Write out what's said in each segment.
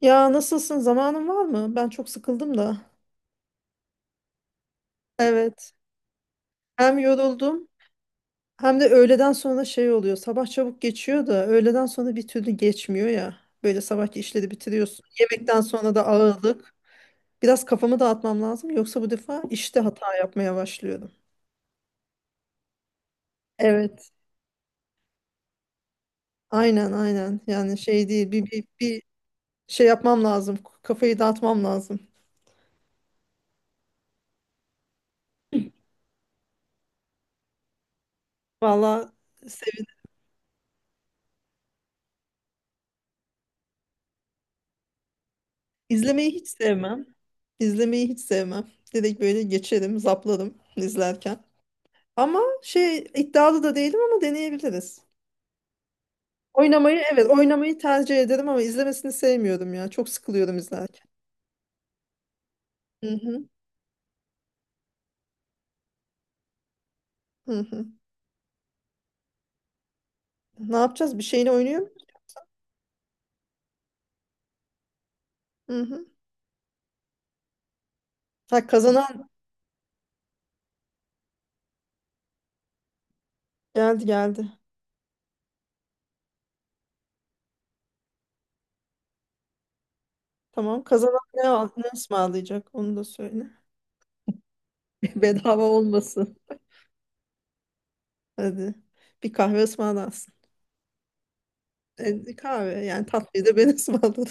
Ya nasılsın? Zamanın var mı? Ben çok sıkıldım da. Evet. Hem yoruldum hem de öğleden sonra şey oluyor. Sabah çabuk geçiyor da öğleden sonra bir türlü geçmiyor ya. Böyle sabahki işleri bitiriyorsun. Yemekten sonra da ağırlık. Biraz kafamı dağıtmam lazım. Yoksa bu defa işte hata yapmaya başlıyorum. Evet. Aynen aynen. Yani şey değil. Bir şey yapmam lazım. Kafayı dağıtmam lazım. Valla. İzlemeyi hiç sevmem. İzlemeyi hiç sevmem. Direkt böyle geçerim, zaplarım izlerken. Ama şey iddialı da değilim ama deneyebiliriz. Oynamayı, evet, oynamayı tercih ederim ama izlemesini sevmiyorum ya. Çok sıkılıyorum izlerken. Hı hı, hı hı. Ne yapacağız? Bir şeyini oynuyor muyuz? Hı hı. Ha, kazanan geldi, geldi. Tamam, kazanan ne, ne ısmarlayacak onu da söyle. Bedava olmasın. Hadi bir kahve ısmarlarsın. Kahve yani tatlıyı da ben ısmarladım.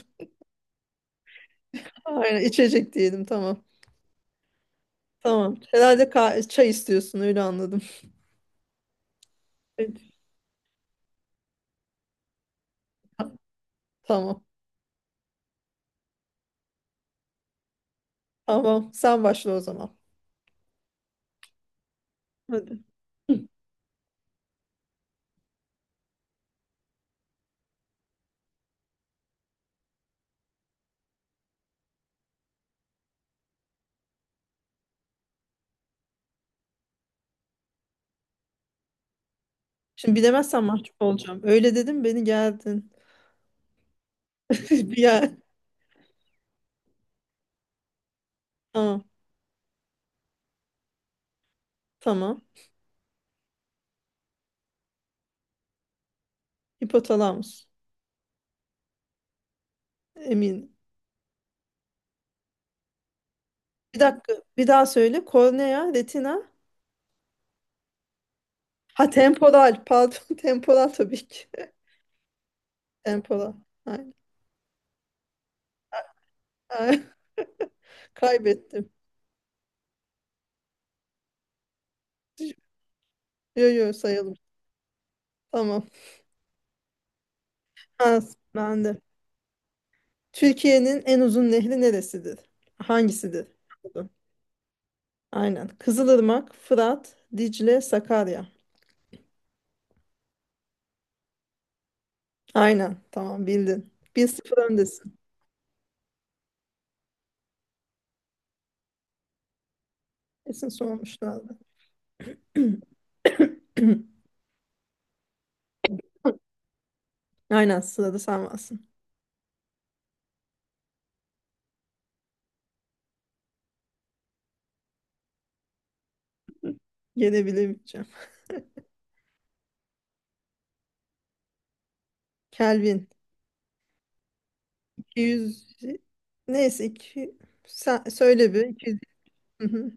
Aynen, içecek diyelim, tamam. Tamam. Herhalde çay istiyorsun, öyle anladım. Evet. Tamam. Tamam. Sen başla o zaman. Hadi. Şimdi bilemezsen mahcup olacağım. Öyle dedim beni geldin. Bir yer. Tamam. Tamam. Hipotalamus. Emin. Bir dakika. Bir daha söyle. Kornea, retina. Ha, temporal. Pardon. Temporal tabii ki. Temporal. Aynen. Ay, kaybettim. Yo yo, sayalım. Tamam. Ha, ben de. Türkiye'nin en uzun nehri neresidir? Hangisidir? Aynen. Kızılırmak, Fırat, Dicle, Sakarya. Aynen. Tamam, bildin. 1-0 öndesin. Kesin sormuşlardı. Aynen, sırada sen varsın. Gelebilemeyeceğim. Kelvin. 200, neyse, iki... sen söyle, bir 200. Hı hı.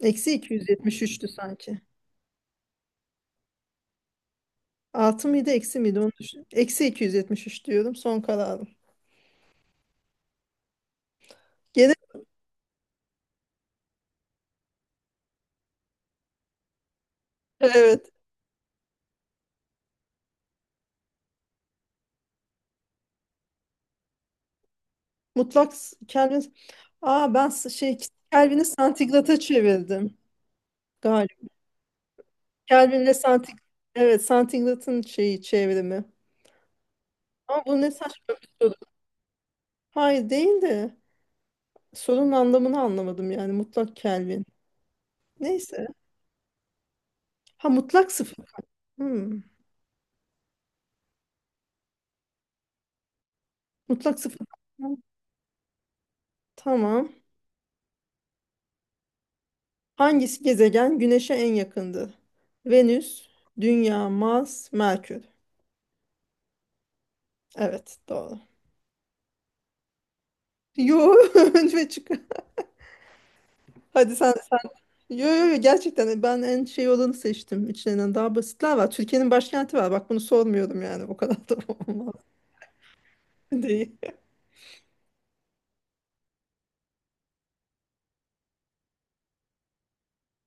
Eksi 273'tü sanki. Artı mıydı eksi miydi onu düşün. Eksi 273 diyorum, son kararım. Gene evet. Mutlak Kelvin. Aa, ben şey, Kelvin'i santigrata çevirdim galiba. Kelvin'le evet, santigratın şeyi çevrimi. Ama bu ne saçma bir soru. Hayır, değil de sorunun anlamını anlamadım yani mutlak Kelvin. Neyse. Ha, mutlak sıfır. Hmm. Mutlak sıfır. Tamam. Hangisi gezegen Güneş'e en yakındır? Venüs, Dünya, Mars, Merkür. Evet, doğru. Yo, önce çık. Hadi sen. Yo yo yo, gerçekten ben en şey olanı seçtim. İçlerinden daha basitler var. Türkiye'nin başkenti var. Bak, bunu sormuyorum yani. O kadar da olmaz değil.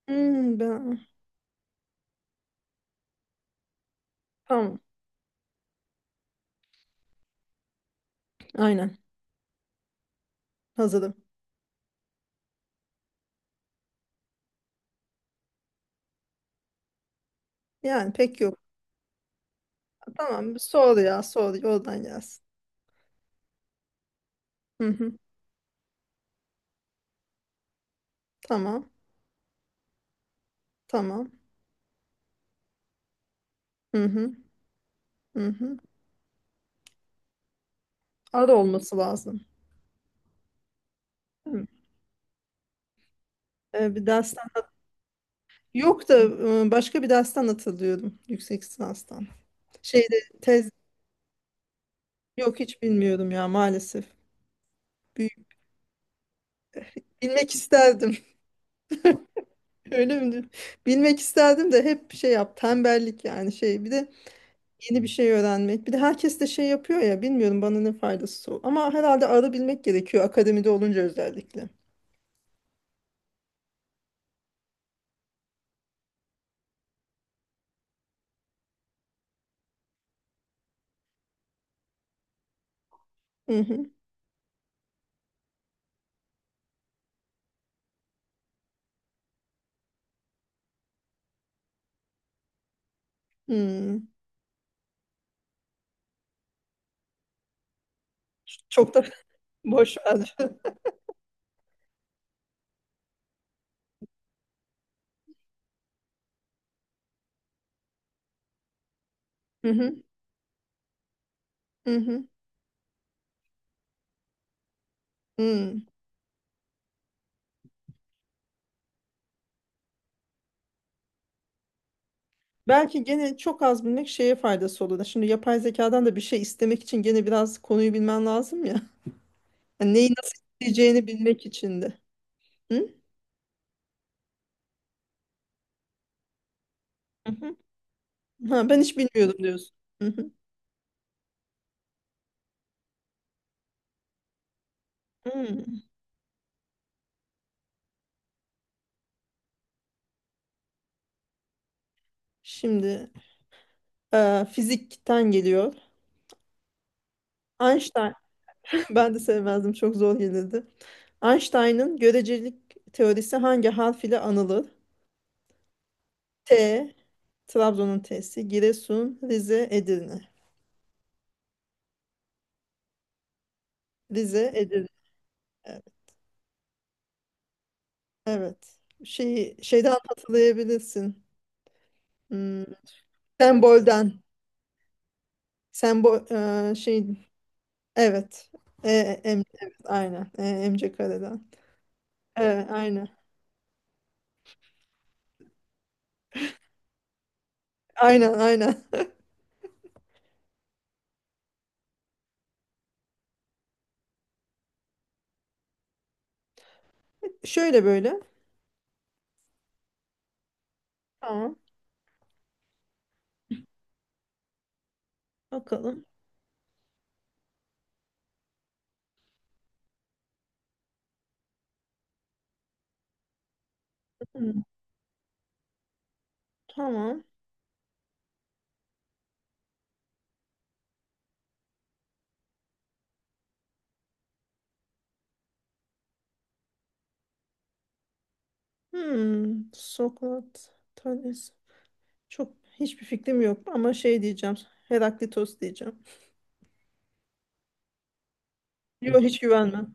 Hmm, ben... Tamam. Aynen. Hazırım. Yani pek yok. Tamam. Sor ya. Sor. Oradan gelsin. Hı hı. Tamam. Tamam. Hı hı. Hı hı. Ara olması lazım. Değil mi? Bir dersten. Yok da, başka bir dersten hatırlıyorum. Yüksek lisanstan. Şeyde, tez, yok hiç bilmiyorum ya maalesef. Büyük. Bilmek isterdim. Öyle mi? Bilmek isterdim de hep şey yap, tembellik yani şey, bir de yeni bir şey öğrenmek. Bir de herkes de şey yapıyor ya, bilmiyorum bana ne faydası o. Ama herhalde ara bilmek gerekiyor akademide olunca, özellikle. Hı hı. Hmm. Çok da boş ver. Hı hı. Hı hı. Hı. Belki gene çok az bilmek şeye faydası olur. Şimdi yapay zekadan da bir şey istemek için gene biraz konuyu bilmen lazım ya. Yani neyi nasıl isteyeceğini bilmek için de. Hı? Hı hı. Ha, ben hiç bilmiyordum diyorsun. Hı hı. Hı. Şimdi, fizikten geliyor. Einstein, ben de sevmezdim, çok zor gelirdi. Einstein'ın görecelik teorisi hangi harf ile anılır? T, Trabzon'un T'si, Giresun, Rize, Edirne. Rize, Edirne. Evet. Evet. Şey, şeyden hatırlayabilirsin. Hmm, sembolden. Sembol, şey, evet. E, em, evet, aynen. Emce kareden. E, aynen. Aynen, aynen. Şöyle böyle. Tamam. Bakalım. Tamam. Hmm, Sokrat tanesi. Çok, hiçbir fikrim yok ama şey diyeceğim. Heraklitos diyeceğim. Yok, hiç güvenmem.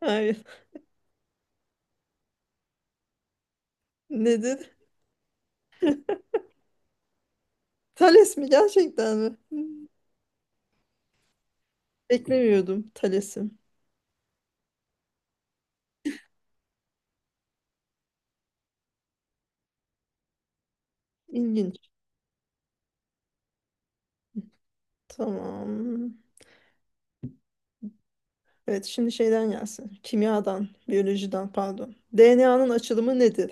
Hayır. Nedir? Thales mi, gerçekten mi? Hmm, beklemiyordum Thales'i. İlginç. Tamam. Evet, şimdi şeyden gelsin. Kimyadan, biyolojiden, pardon. DNA'nın açılımı nedir?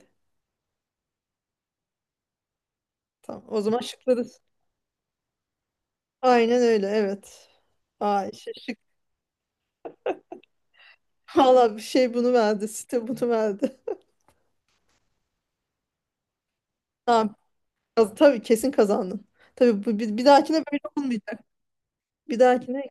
Tamam. O zaman şıkları. Aynen öyle, evet. Ay, şey, şık. Valla, bir şey bunu verdi. Site bunu verdi. Tamam. Tabii, kesin kazandın. Tabii bu, bir dahakine böyle olmayacak. Bir dahakine,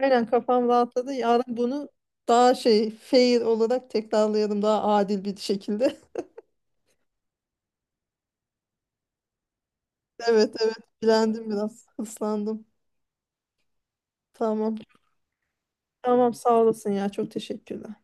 aynen, kafam rahatladı. Yarın bunu daha şey, fair olarak tekrarlayalım, daha adil bir şekilde. Evet, evet, bilendim, biraz ıslandım. Tamam. Tamam, sağ olasın ya, çok teşekkürler.